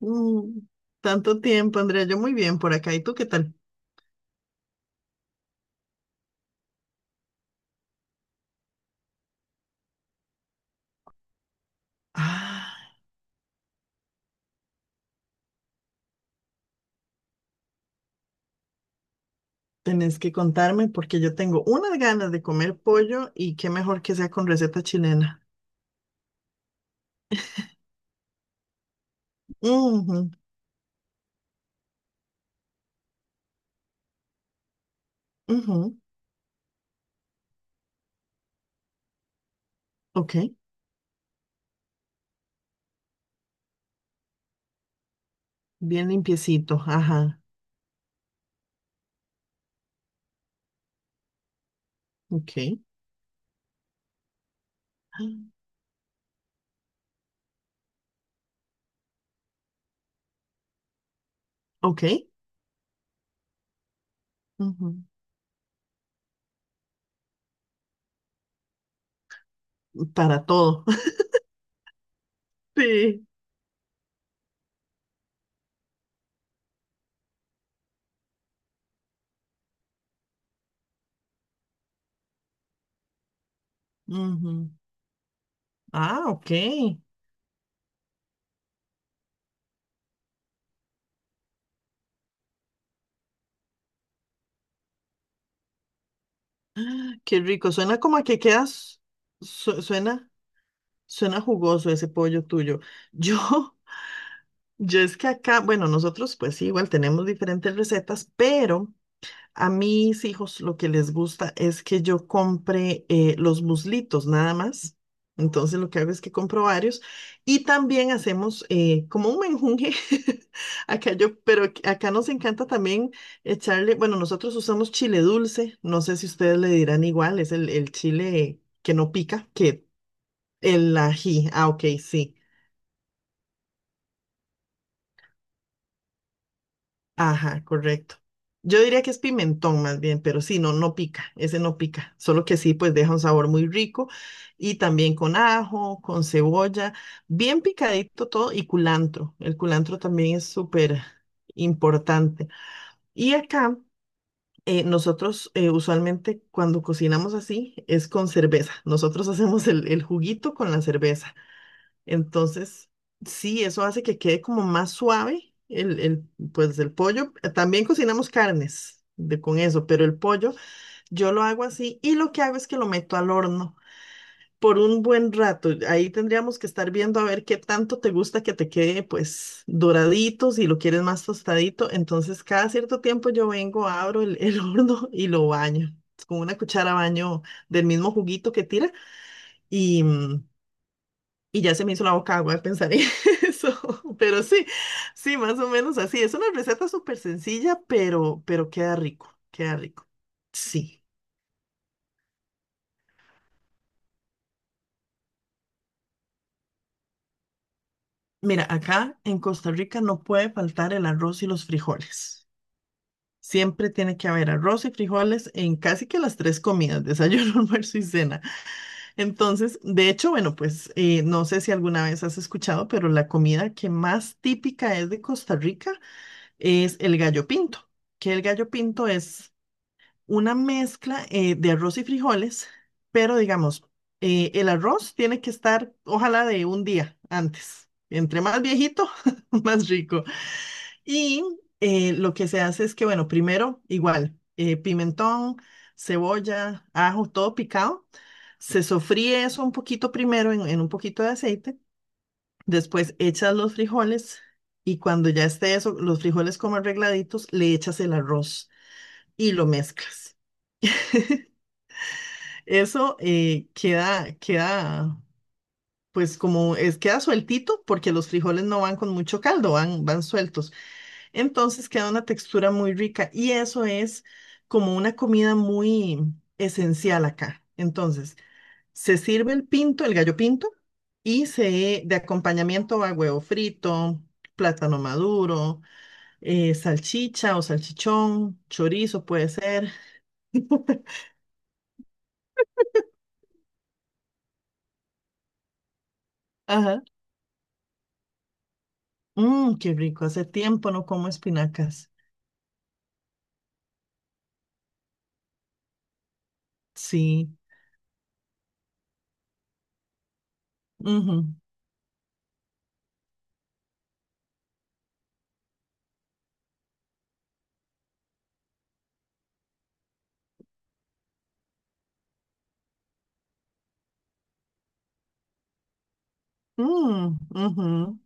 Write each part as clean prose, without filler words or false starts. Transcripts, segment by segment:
Mm, tanto tiempo, Andrea. Yo muy bien por acá. ¿Y tú qué tal? Ah, tenés que contarme porque yo tengo unas ganas de comer pollo y qué mejor que sea con receta chilena. Ujú. Ujú. Ok, bien limpiecito. Ajá, ok. Ok. Ujú. Para todo. Sí. Ujú. Ah, ok. Qué rico. Suena como a que quedas, su- suena, suena jugoso ese pollo tuyo. Yo. Yo es que acá, bueno, nosotros pues sí, igual tenemos diferentes recetas, pero a mis hijos lo que les gusta es que yo compre los muslitos nada más. Entonces lo que hago es que compro varios y también hacemos como un menjunje. Acá yo, pero acá nos encanta también echarle, bueno, nosotros usamos chile dulce, no sé si ustedes le dirán igual, es el chile que no pica, que el ají. Ah, ok, sí. Ajá, correcto. Yo diría que es pimentón más bien, pero sí, no, no pica, ese no pica, solo que sí, pues deja un sabor muy rico y también con ajo, con cebolla, bien picadito todo y culantro. El culantro también es súper importante. Y acá nosotros usualmente cuando cocinamos así es con cerveza. Nosotros hacemos el juguito con la cerveza. Entonces, sí, eso hace que quede como más suave pues el pollo. También cocinamos carnes de, con eso, pero el pollo yo lo hago así y lo que hago es que lo meto al horno por un buen rato. Ahí tendríamos que estar viendo a ver qué tanto te gusta que te quede pues doradito, si lo quieres más tostadito. Entonces, cada cierto tiempo yo vengo, abro el horno y lo baño. Con una cuchara baño del mismo juguito que tira y mm, y ya se me hizo la boca agua de pensar en eso. Pero sí, sí, más o menos así. Es una receta súper sencilla, pero queda rico, queda rico. Sí. Mira, acá en Costa Rica no puede faltar el arroz y los frijoles. Siempre tiene que haber arroz y frijoles en casi que las tres comidas, desayuno, almuerzo y cena. Entonces, de hecho, bueno, pues no sé si alguna vez has escuchado, pero la comida que más típica es de Costa Rica es el gallo pinto, que el gallo pinto es una mezcla de arroz y frijoles, pero digamos, el arroz tiene que estar, ojalá, de un día antes. Entre más viejito, más rico. Y lo que se hace es que, bueno, primero, igual, pimentón, cebolla, ajo, todo picado. Se sofríe eso un poquito primero en un poquito de aceite. Después echas los frijoles y cuando ya esté eso, los frijoles como arregladitos, le echas el arroz y lo mezclas. Eso queda, pues como es, queda sueltito porque los frijoles no van con mucho caldo, van sueltos. Entonces queda una textura muy rica y eso es como una comida muy esencial acá. Entonces, se sirve el pinto, el gallo pinto, y se, de acompañamiento va huevo frito, plátano maduro, salchicha o salchichón, chorizo puede ser. Ajá. Mmm, qué rico. Hace tiempo no como espinacas. Sí. Ujú. Mm, ujú.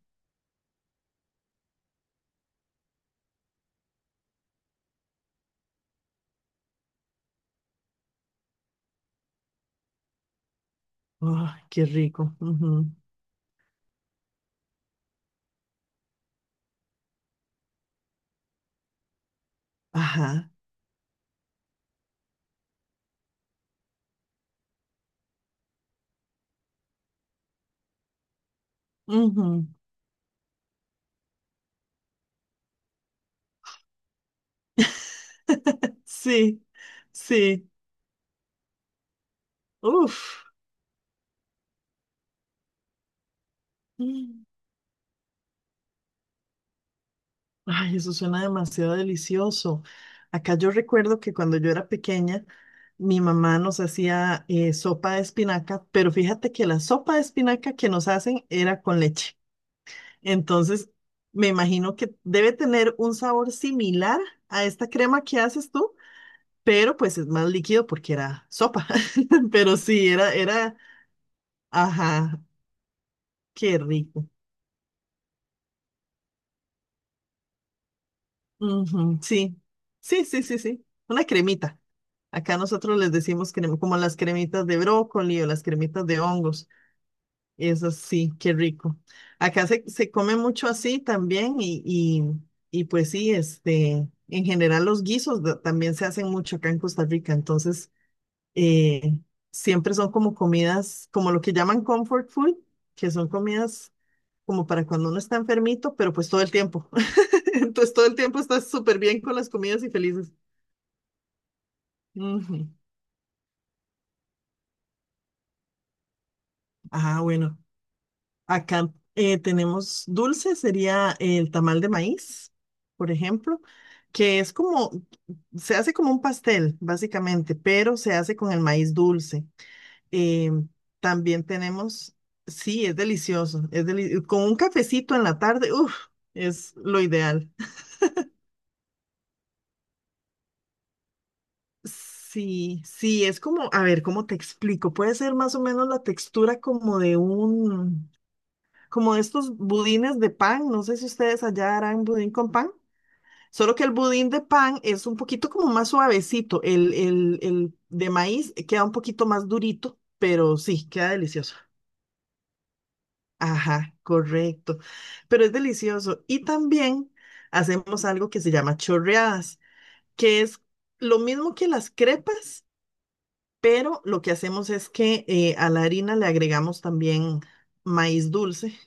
Ay, qué rico. Ujú. Ajá. Ujú. Sí, sí. Uf. Mm. Ay, eso suena demasiado delicioso. Acá yo recuerdo que cuando yo era pequeña, mi mamá nos hacía sopa de espinaca, pero fíjate que la sopa de espinaca que nos hacen era con leche. Entonces, me imagino que debe tener un sabor similar a esta crema que haces tú. Pero pues es más líquido porque era sopa. Pero sí, era, ajá, qué rico. Ujú, sí, sí, sí, sí, sí. Una cremita. Acá nosotros les decimos crema, como las cremitas de brócoli o las cremitas de hongos. Esas sí, qué rico. Acá se come mucho así también y, pues sí, este, en general los guisos también se hacen mucho acá en Costa Rica. Entonces, eh, siempre son como comidas, como lo que llaman comfort food, que son comidas como para cuando uno está enfermito, pero pues todo el tiempo. Entonces todo el tiempo estás súper bien con las comidas y felices. Ujú. Ah, bueno, acá tenemos dulce, sería el tamal de maíz, por ejemplo, que es como, se hace como un pastel, básicamente, pero se hace con el maíz dulce. Eh, también tenemos, sí, es delicioso, con un cafecito en la tarde, uff, es lo ideal. Sí, sí, es como, a ver, ¿cómo te explico? Puede ser más o menos la textura como de un, como de estos budines de pan, no sé si ustedes allá harán budín con pan, solo que el budín de pan es un poquito como más suavecito, el de maíz queda un poquito más durito, pero sí, queda delicioso. Ajá, correcto. Pero es delicioso. Y también hacemos algo que se llama chorreadas, que es lo mismo que las crepas, pero lo que hacemos es que a la harina le agregamos también maíz dulce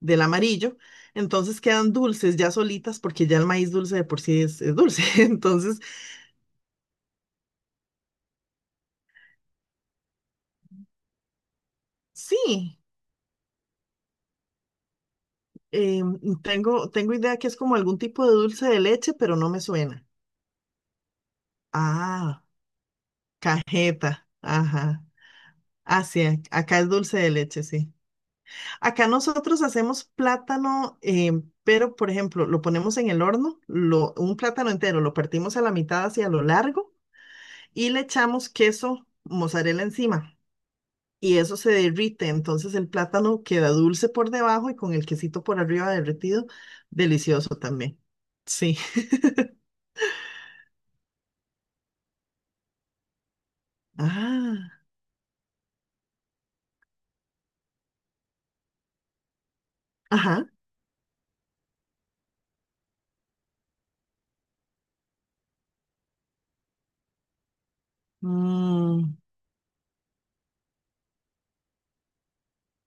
del amarillo. Entonces quedan dulces ya solitas porque ya el maíz dulce de por sí es dulce. Entonces, sí, eh, tengo idea que es como algún tipo de dulce de leche, pero no me suena. Ah, cajeta. Ajá. Así es, acá es dulce de leche, sí. Acá nosotros hacemos plátano, pero por ejemplo, lo ponemos en el horno, un plátano entero, lo partimos a la mitad hacia lo largo y le echamos queso mozzarella encima. Y eso se derrite, entonces el plátano queda dulce por debajo y con el quesito por arriba derretido, delicioso también. Sí. Ah, ajá. Mm,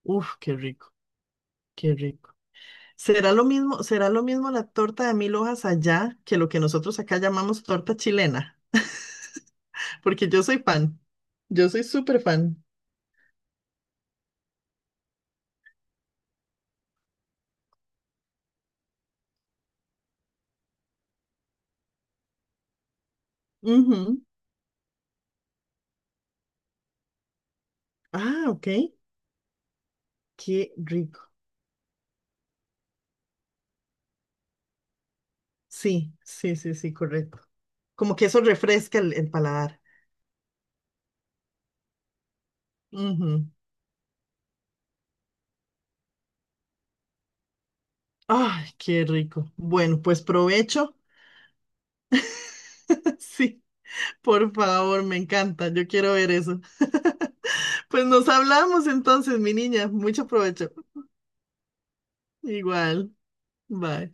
uf, qué rico, qué rico. Será lo mismo la torta de mil hojas allá que lo que nosotros acá llamamos torta chilena? Porque yo soy fan. Yo soy súper fan. Ujú. Ah, ok. Qué rico. Sí, sí, sí, sí, correcto. Como que eso refresca el paladar. Ujú. Ay, qué rico. Bueno, pues provecho. Sí, por favor, me encanta. Yo quiero ver eso. Pues nos hablamos entonces, mi niña. Mucho provecho. Igual. Bye.